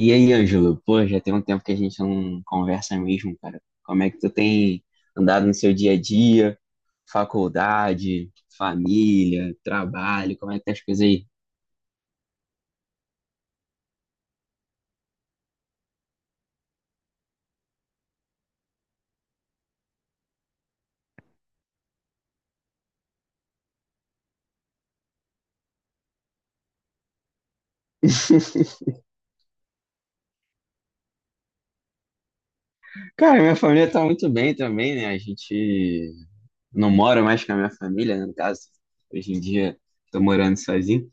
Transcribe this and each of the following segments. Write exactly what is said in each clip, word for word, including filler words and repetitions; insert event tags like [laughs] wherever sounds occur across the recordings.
E aí, Ângelo, pô, já tem um tempo que a gente não conversa mesmo, cara. Como é que tu tem andado no seu dia a dia? Faculdade, família, trabalho, como é que tá as coisas aí? [laughs] Cara, minha família tá muito bem também, né? A gente não mora mais com a minha família, né? No caso, hoje em dia tô morando sozinho,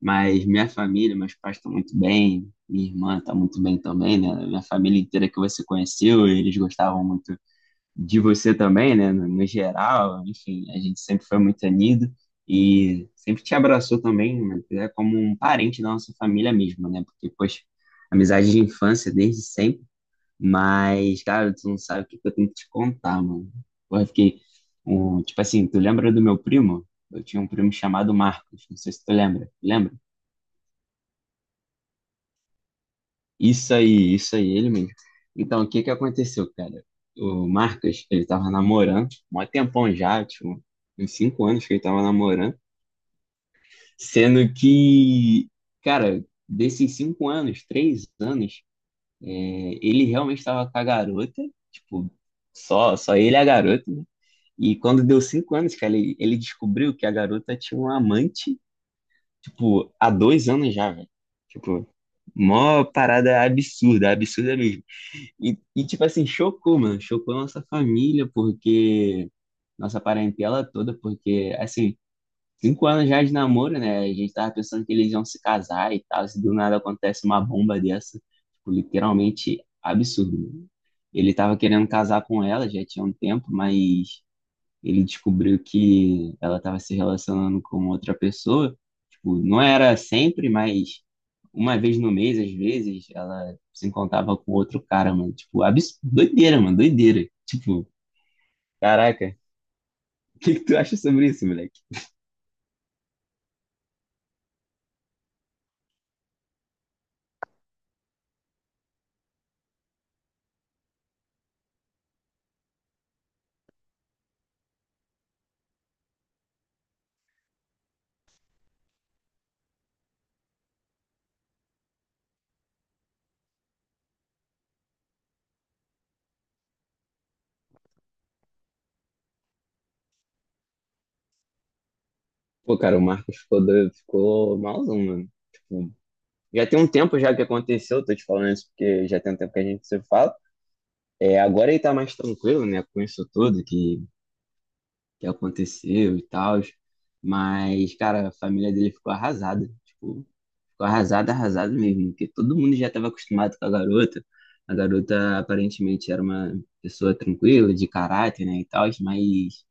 mas minha família, meus pais estão muito bem, minha irmã tá muito bem também, né? Minha família inteira que você conheceu, eles gostavam muito de você também, né? No, no geral, enfim, a gente sempre foi muito unido e sempre te abraçou também, né, é como um parente da nossa família mesmo, né? Porque, poxa, amizade de infância desde sempre, mas, cara, tu não sabe o que que eu tenho que te contar, mano. Porra, eu fiquei, um, tipo assim, tu lembra do meu primo? Eu tinha um primo chamado Marcos, não sei se tu lembra. Lembra? Isso aí, isso aí, ele mesmo. Então, o que que aconteceu, cara? O Marcos, ele tava namorando, mó tempão já, tipo, uns cinco anos que ele tava namorando, sendo que, cara, desses cinco anos, três anos, é, ele realmente tava com a garota, tipo, só, só ele e a garota, né? E quando deu cinco anos, cara, ele, ele descobriu que a garota tinha um amante, tipo, há dois anos já, velho. Tipo, mó parada absurda, absurda mesmo. E, e, tipo assim, chocou, mano. Chocou a nossa família, porque nossa parentela toda, porque, assim, cinco anos já de namoro, né? A gente tava pensando que eles iam se casar e tal. Se do nada acontece uma bomba dessa, tipo, literalmente absurdo, mano. Ele tava querendo casar com ela, já tinha um tempo, mas ele descobriu que ela tava se relacionando com outra pessoa. Tipo, não era sempre, mas uma vez no mês, às vezes, ela se encontrava com outro cara, mano. Tipo, abs... doideira, mano, doideira. Tipo, caraca, o que que tu acha sobre isso, moleque? Pô, cara, o Marcos ficou doido, ficou malzão, mano. Tipo, já tem um tempo já que aconteceu, tô te falando isso porque já tem um tempo que a gente se fala. É, agora ele tá mais tranquilo, né, com isso tudo que, que aconteceu e tal. Mas, cara, a família dele ficou arrasada. Tipo, ficou arrasado, arrasado mesmo, porque todo mundo já estava acostumado com a garota. A garota aparentemente era uma pessoa tranquila, de caráter, né, e tal, mas,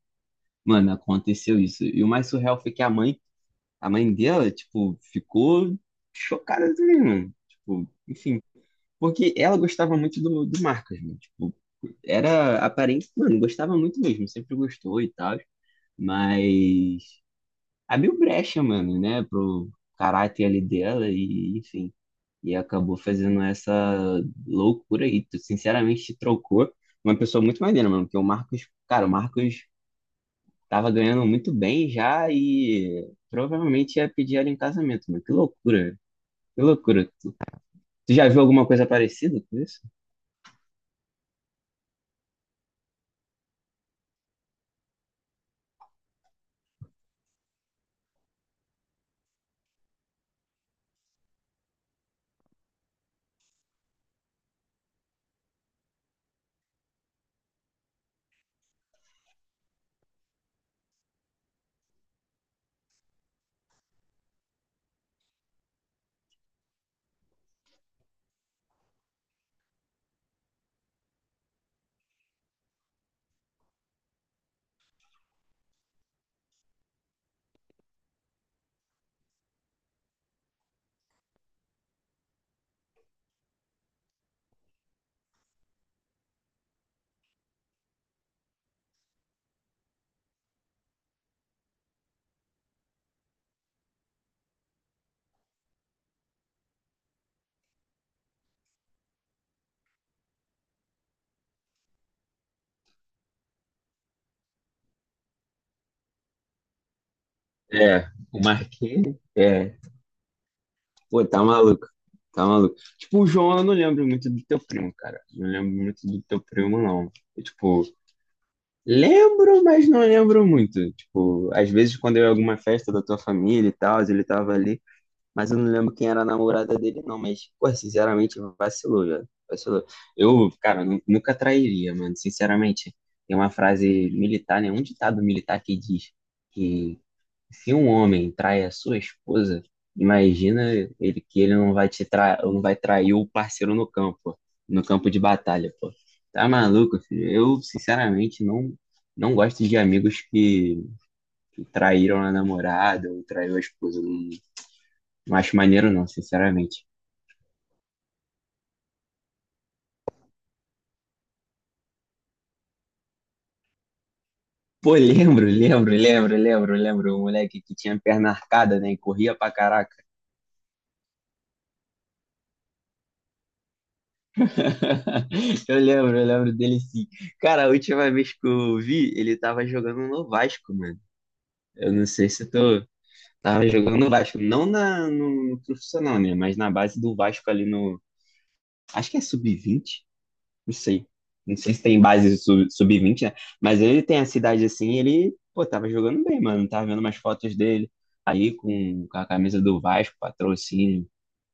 mano, aconteceu isso. E o mais surreal foi que a mãe, a mãe dela, tipo, ficou chocada também, mano. Tipo, enfim, porque ela gostava muito do, do Marcos, né? Tipo, era aparente, mano, gostava muito mesmo, sempre gostou e tal, mas abriu brecha, mano, né, pro caráter ali dela e, enfim, e acabou fazendo essa loucura aí. Tu, sinceramente, te trocou uma pessoa muito maneira, mano, porque o Marcos, cara, o Marcos tava ganhando muito bem já e provavelmente ia pedir ela em casamento, mano. Que loucura, que loucura. Tu já viu alguma coisa parecida com isso? É, o Marquinhos, é, pô, tá maluco. Tá maluco. Tipo, o João, eu não lembro muito do teu primo, cara. Não lembro muito do teu primo, não. Tipo, lembro, mas não lembro muito. Tipo, às vezes quando eu ia em alguma festa da tua família e tal, ele tava ali, mas eu não lembro quem era a namorada dele, não. Mas, pô, sinceramente, vacilou, já. Vacilou. Eu, cara, nu- nunca trairia, mano. Sinceramente, tem uma frase militar, né? Um ditado militar que diz que se um homem trai a sua esposa, imagina ele que ele não vai te tra... não vai trair o parceiro no campo, no campo de batalha, pô. Tá maluco, filho? Eu, sinceramente, não não gosto de amigos que traíram a namorada ou traiu a esposa. Não, não acho maneiro não, sinceramente. Pô, lembro, lembro, lembro, lembro, lembro, o moleque que tinha perna arcada, né, e corria pra caraca. [laughs] Eu lembro, eu lembro dele sim. Cara, a última vez que eu vi, ele tava jogando no Vasco, mano. Eu não sei se eu tô. Tava jogando no Vasco, não na, no, no profissional, né? Mas na base do Vasco ali no. Acho que é sub vinte, não sei. Não sei se tem base sub- sub vinte, né? Mas ele tem a cidade assim, ele, pô, tava jogando bem, mano. Tava vendo umas fotos dele aí com, com a camisa do Vasco, patrocínio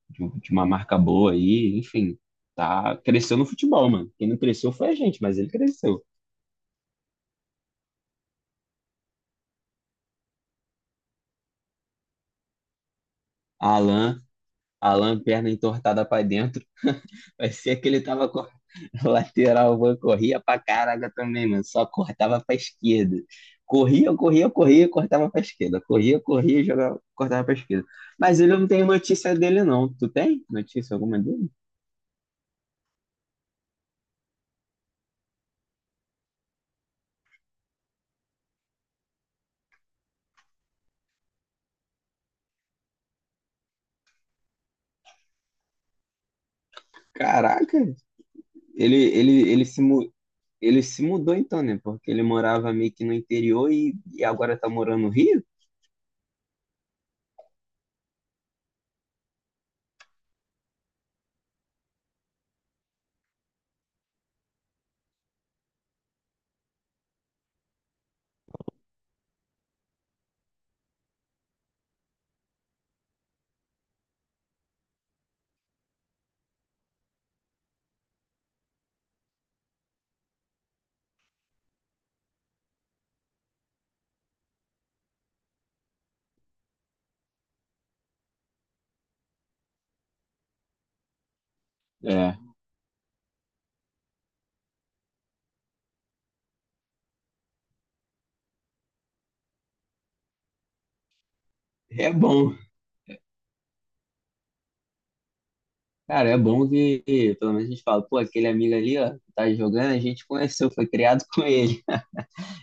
de, de uma marca boa aí, enfim. Tá, cresceu no futebol, mano. Quem não cresceu foi a gente, mas ele cresceu. Alan, Alan, perna entortada pra dentro. Parecia que ele tava com [laughs] lateral, mano, corria pra caraca também, mano. Só cortava pra esquerda. Corria, corria, corria, cortava pra esquerda. Corria, corria, jogava, cortava pra esquerda. Mas ele não tem notícia dele, não. Tu tem notícia alguma dele? Caraca, ele, ele, ele se, mu- ele se mudou então, né? Porque ele morava meio que no interior e, e agora tá morando no Rio? É. É bom. Cara, é bom que que pelo menos a gente fala, pô, aquele amigo ali, ó, que tá jogando, a gente conheceu, foi criado com ele.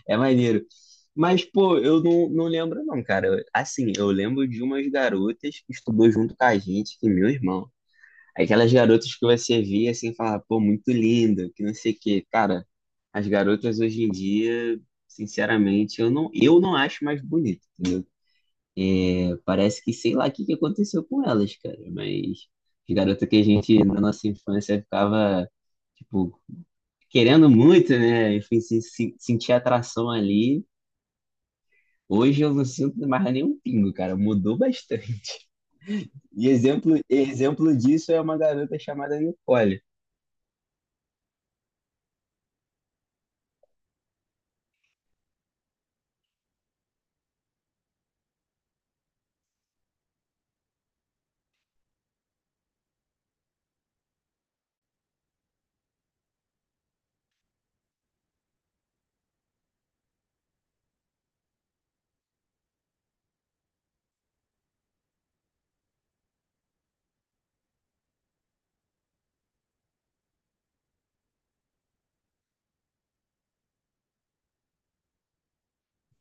É maneiro. Mas, pô, eu não, não lembro não, cara. Assim, eu lembro de umas garotas que estudou junto com a gente, que meu irmão. Aquelas garotas que você via assim, falar, pô, muito linda, que não sei o quê. Cara, as garotas hoje em dia, sinceramente, eu não, eu não acho mais bonito, entendeu? É, parece que sei lá o que que aconteceu com elas, cara, mas as garotas que a gente, na nossa infância, ficava, tipo, querendo muito, né? Enfim, se, se, sentir atração ali. Hoje eu não sinto mais nenhum pingo, cara, mudou bastante. E exemplo, exemplo disso é uma garota chamada Nicole.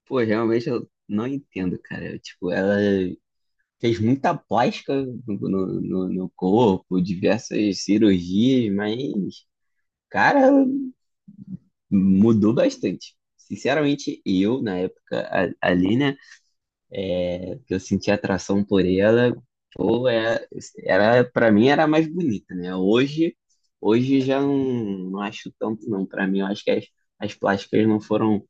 Pô, realmente eu não entendo, cara. Eu, tipo, ela fez muita plástica no, no, no- no corpo, diversas cirurgias, mas, cara, mudou bastante. Sinceramente, eu, na época a- ali, né, é, que eu senti atração por ela, pô, é, era, pra mim era mais bonita, né? Hoje, hoje já não, não acho tanto, não. Pra mim, eu acho que as, as plásticas não foram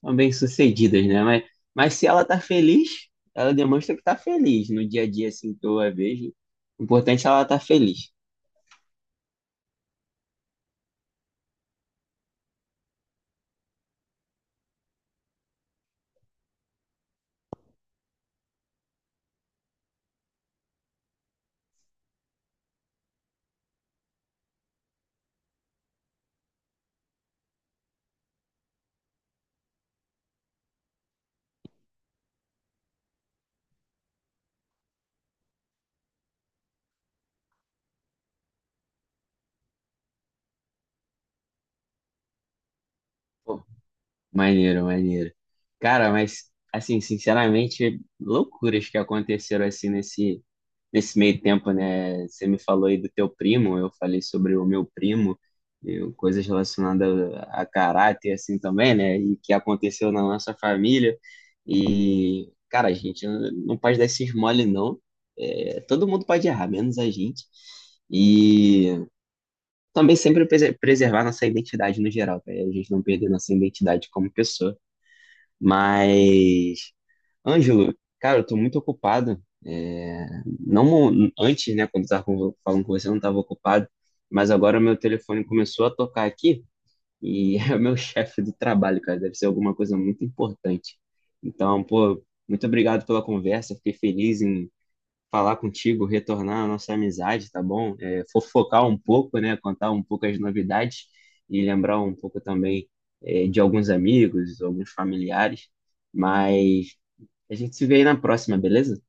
são bem-sucedidas, né? Mas, mas se ela tá feliz, ela demonstra que tá feliz no dia a dia, assim, que eu a vejo. O importante é ela tá feliz. Pô, maneiro, maneiro. Cara, mas, assim, sinceramente, loucuras que aconteceram, assim, nesse nesse meio tempo, né, você me falou aí do teu primo, eu falei sobre o meu primo, eu- coisas relacionadas a caráter, assim, também, né, e que aconteceu na nossa família, e, cara, a gente não pode dar esses mole, não. É, todo mundo pode errar, menos a gente, e também sempre prese- preservar nossa identidade no geral, para a gente não perder nossa identidade como pessoa, mas Ângelo, cara, eu tô muito ocupado. É, não mo- antes, né, quando estava falando com você, eu não estava ocupado, mas agora meu telefone começou a tocar aqui e [laughs] é o meu chefe do trabalho, cara. Deve ser alguma coisa muito importante. Então, pô, muito obrigado pela conversa. Fiquei feliz em falar contigo, retornar a nossa amizade, tá bom? É, fofocar um pouco, né, contar um pouco as novidades e lembrar um pouco também, é, de alguns amigos, alguns familiares. Mas a gente se vê aí na próxima, beleza?